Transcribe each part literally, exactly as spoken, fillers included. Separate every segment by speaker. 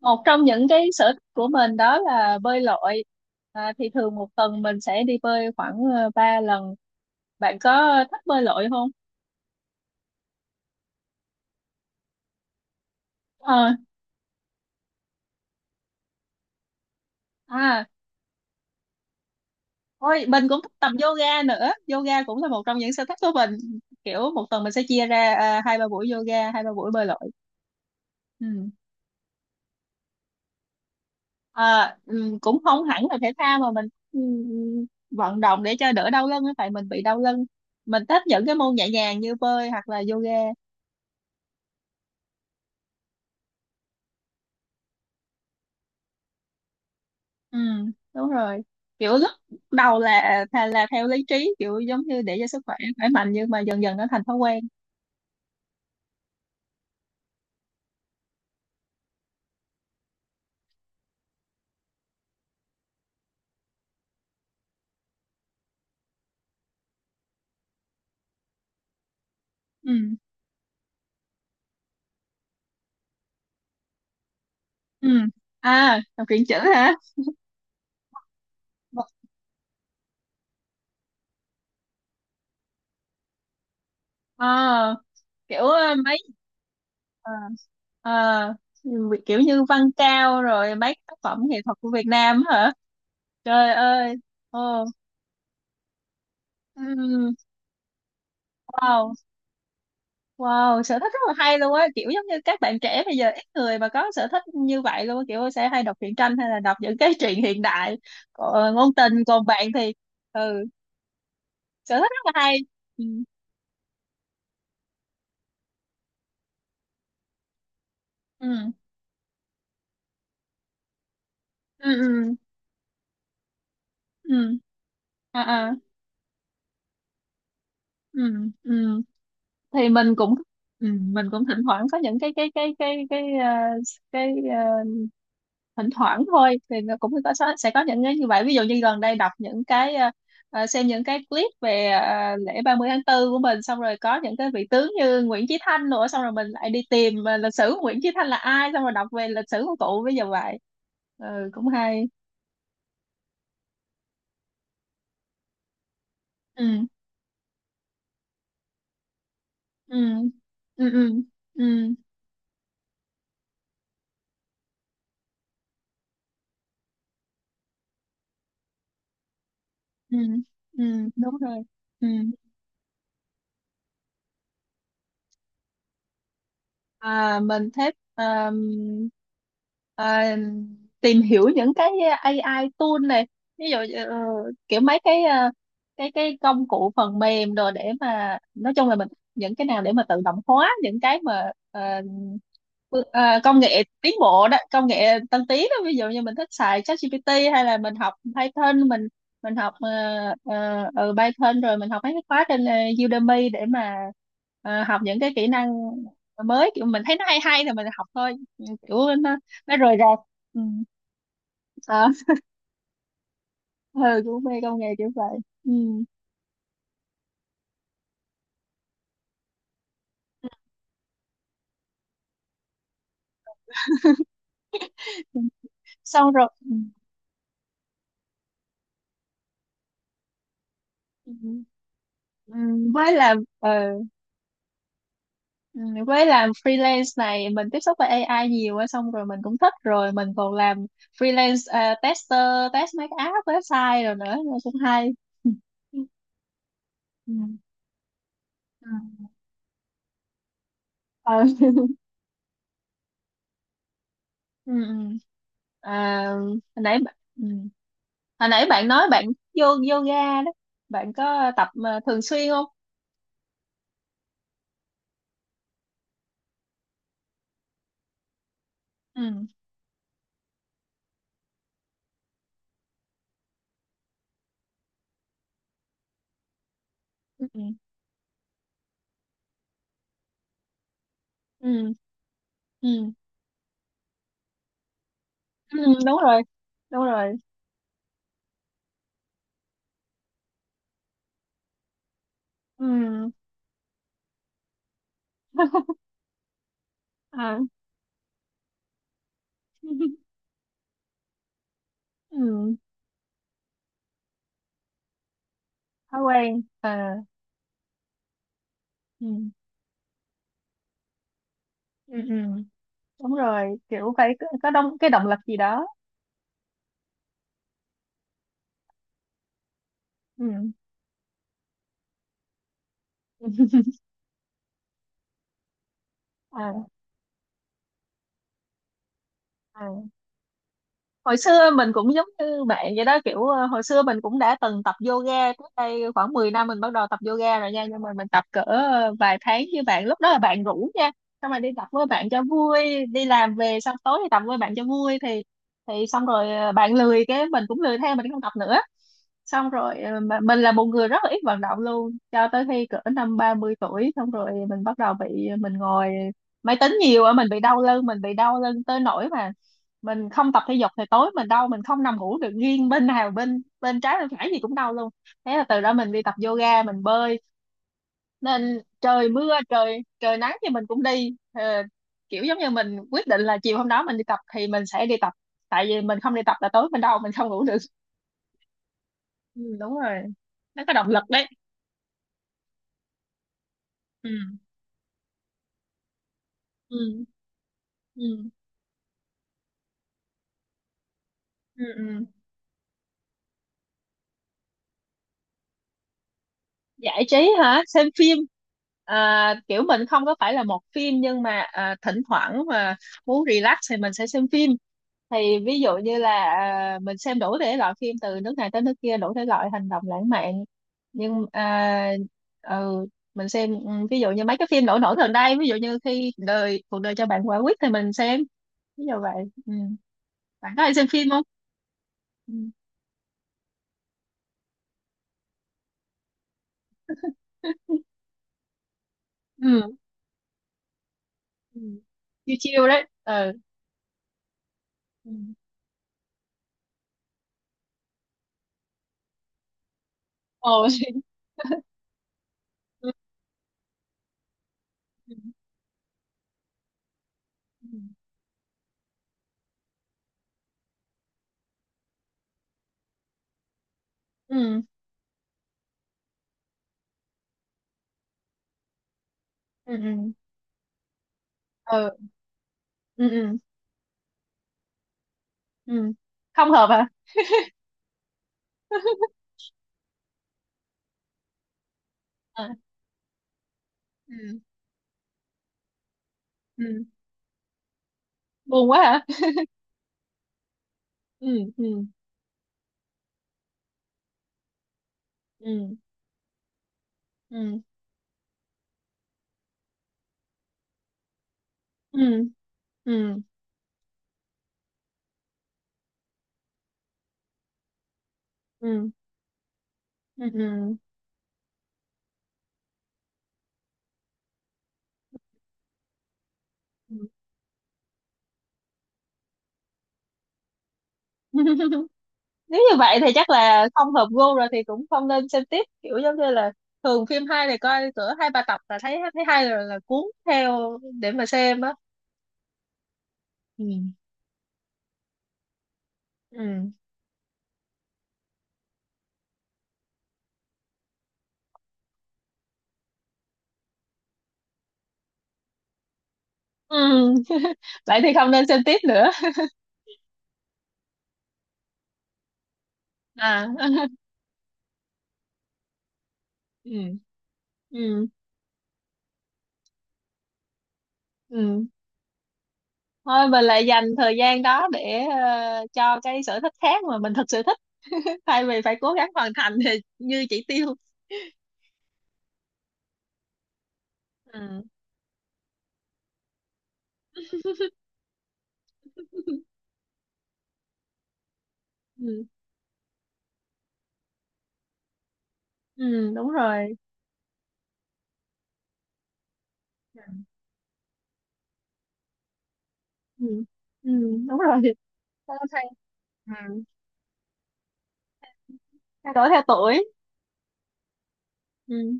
Speaker 1: Một trong những cái sở thích của mình đó là bơi lội. À, thì thường một tuần mình sẽ đi bơi khoảng ờ, ba lần. Bạn có thích bơi lội không? ờ à Ôi, mình cũng thích tập yoga nữa, yoga cũng là một trong những sở thích của mình. Kiểu một tuần mình sẽ chia ra, à, hai ba buổi yoga, hai ba buổi bơi lội. Ừ. À, ừ, cũng không hẳn là thể thao mà mình ừ, vận động để cho đỡ đau lưng á, tại mình bị đau lưng. Mình thích những cái môn nhẹ nhàng như bơi hoặc là yoga. Ừ, đúng rồi. Kiểu lúc đầu là thà là theo lý trí, kiểu giống như để cho sức khỏe khỏe mạnh, nhưng mà dần dần nó thành thói quen. Ừ. Ừ. À, đọc truyện chữ hả? Ờ, kiểu ờ, mấy ờ, ờ, kiểu như Văn Cao rồi mấy tác phẩm nghệ thuật của Việt Nam hả? Trời ơi. Ồ. Ừ. Wow. Wow, sở thích rất là hay luôn á, kiểu giống như các bạn trẻ bây giờ ít người mà có sở thích như vậy luôn á, kiểu sẽ hay đọc truyện tranh hay là đọc những cái truyện hiện đại, còn ngôn tình, còn bạn thì ừ, sở thích rất là hay. Ừ, ừ, ừ, ừ, ừ, à, à, ừ, ừ. Thì mình cũng ừ, mình cũng thỉnh thoảng có những cái cái cái cái cái ờ, cái ờ, thỉnh thoảng thôi, thì nó cũng có sẽ có những cái như vậy, ví dụ như gần đây đọc những cái ờ, ờ, xem những cái clip về ờ, lễ ba mươi tháng tư của mình, xong rồi có những cái vị tướng như Nguyễn Chí Thanh nữa, xong rồi mình lại đi tìm ờ, lịch sử của Nguyễn Chí Thanh là ai, xong rồi đọc về lịch sử của cụ bây giờ vậy. Ừ, cũng hay. Ừ, ừ, ừ, ừ, ừ, ừ, ừ, đúng rồi. Ừ. À, mình thích um, à, tìm hiểu những cái a i tool này, ví dụ ờ, kiểu mấy cái ờ, cái cái công cụ phần mềm đồ, để mà nói chung là mình những cái nào để mà tự động hóa những cái mà ờ, bước- ờ, công nghệ tiến bộ đó, công nghệ tân tiến đó. Ví dụ như mình thích xài ChatGPT hay là mình học Python. Mình mình học ờ, ờ, ừ, Python, rồi mình học mấy cái khóa trên ờ, Udemy để mà ờ, học những cái kỹ năng, rồi mới kiểu mình thấy nó hay hay thì mình học thôi. Ừ, kiểu nó nó rời rạc. Ừ. À, ừ, cũng mê công nghệ kiểu vậy. Ừ. Xong rồi. Ừ. Ừ. Ừ, với làm ờ, ừ, với làm freelance này mình tiếp xúc với a i nhiều á, xong rồi mình cũng thích, rồi mình còn làm freelance ờ, tester, test mấy cái app website rồi nữa, nó cũng hay. Ừ. Ừ. Ờ. Ừ. Ừ. À, hồi nãy bạn- ừ. hồi nãy bạn nói bạn vô yoga đó, bạn có tập mà thường xuyên không? Ừ, ừ, ừ, ừ, ừ, đúng rồi, đúng rồi. Ừ. À. Ừ, thói quen à? Ừ, ừ, ừ. Đúng rồi, kiểu phải có có động cái động lực gì đó. Ừ. À, à. Hồi xưa mình cũng giống như bạn vậy đó, kiểu ờ, hồi xưa mình cũng đã từng tập yoga. Trước đây khoảng mười năm mình bắt đầu tập yoga rồi nha, nhưng mà mình tập cỡ ờ, vài tháng với bạn, lúc đó là bạn rủ nha. Xong rồi đi tập với bạn cho vui, đi làm về xong tối thì tập với bạn cho vui, thì thì xong rồi ờ, bạn lười cái mình cũng lười theo, mình không tập nữa. Xong rồi ờ, mà mình là một người rất là ít vận động luôn, cho tới khi cỡ năm ba mươi tuổi xong rồi mình bắt đầu bị ờ, mình ngồi máy tính nhiều á, mình bị đau lưng. Mình bị đau lưng tới nỗi mà mình không tập thể dục thì tối mình đau, mình không nằm ngủ được, nghiêng bên nào, bên bên trái bên phải gì cũng đau luôn. Thế là từ đó mình đi tập yoga, mình bơi, nên trời mưa trời trời nắng thì mình cũng đi. Ờ, kiểu giống như mình quyết định là chiều hôm đó mình đi tập thì mình sẽ đi tập, tại vì mình không đi tập là tối mình đau, mình không ngủ được. Ừ, đúng rồi, nó có động lực đấy. Ừ, ừ, ừ, ừ, ừ. Giải trí hả? Xem phim. À, kiểu mình không có phải là một phim, nhưng mà à, thỉnh thoảng mà muốn relax thì mình sẽ xem phim. Thì, ví dụ như là à, mình xem đủ thể loại phim từ nước này tới nước kia, đủ thể loại hành động, lãng mạn. Nhưng à, ừ, mình xem, ừ, ví dụ như mấy cái phim nổi nổi gần đây, ví dụ như khi đời cuộc đời cho bạn quả quýt thì mình xem, ví dụ vậy. Ừ. Bạn có hay xem phim không? Ừ. Ừ. Ừ. Chiêu chiêu đấy. Ừ. Ừ. Ồ. Ừ, ừ, ừ, ừ, ừ, ừ, ừ, ừ. Không hợp hả? Ờ. Ừ, ừ, buồn quá hả? Ừ, ừ, ừ, ừ, ừ, ừ, ừ, ừ, ừ, ừ. Nếu như vậy thì chắc là không hợp gu rồi, thì cũng không nên xem tiếp, kiểu giống như là thường phim hay thì coi cỡ hai ba tập là thấy thấy hay rồi là cuốn theo để mà xem á. Ừ, ừ, ừ. Vậy thì không nên xem tiếp nữa. À. Ừ, ừ, ừ, thôi mình lại dành thời gian đó để ờ, cho cái sở thích khác mà mình thực sự thích thay vì phải cố gắng hoàn thành thì như chỉ tiêu. Ừ. Ừ, ừ, đúng rồi. Ừ, ừ, đúng rồi. Tao thay. Ừ. Thay đổi theo tuổi. Ừ,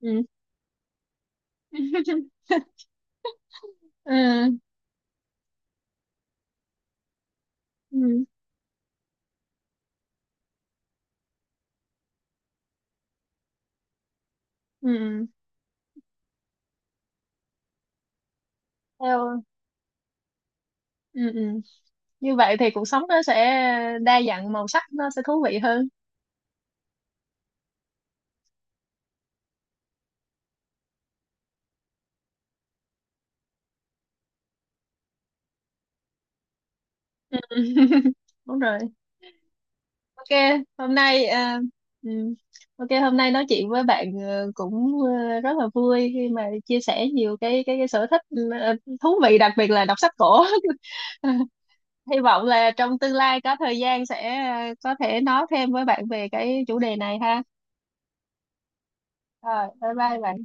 Speaker 1: ừ. Ừ, ừ, ừ. Theo. Ừ, ừ. Như vậy thì cuộc sống nó sẽ đa dạng màu sắc, nó sẽ thú vị hơn. Đúng rồi. Ok, hôm nay à, ừm, ok hôm nay nói chuyện với bạn ờ, cũng ờ, rất là vui khi mà chia sẻ nhiều cái cái, cái sở thích ờ, thú vị, đặc biệt là đọc sách cổ. Hy vọng là trong tương lai có thời gian sẽ ờ, có thể nói thêm với bạn về cái chủ đề này ha. Rồi, bye bye bạn.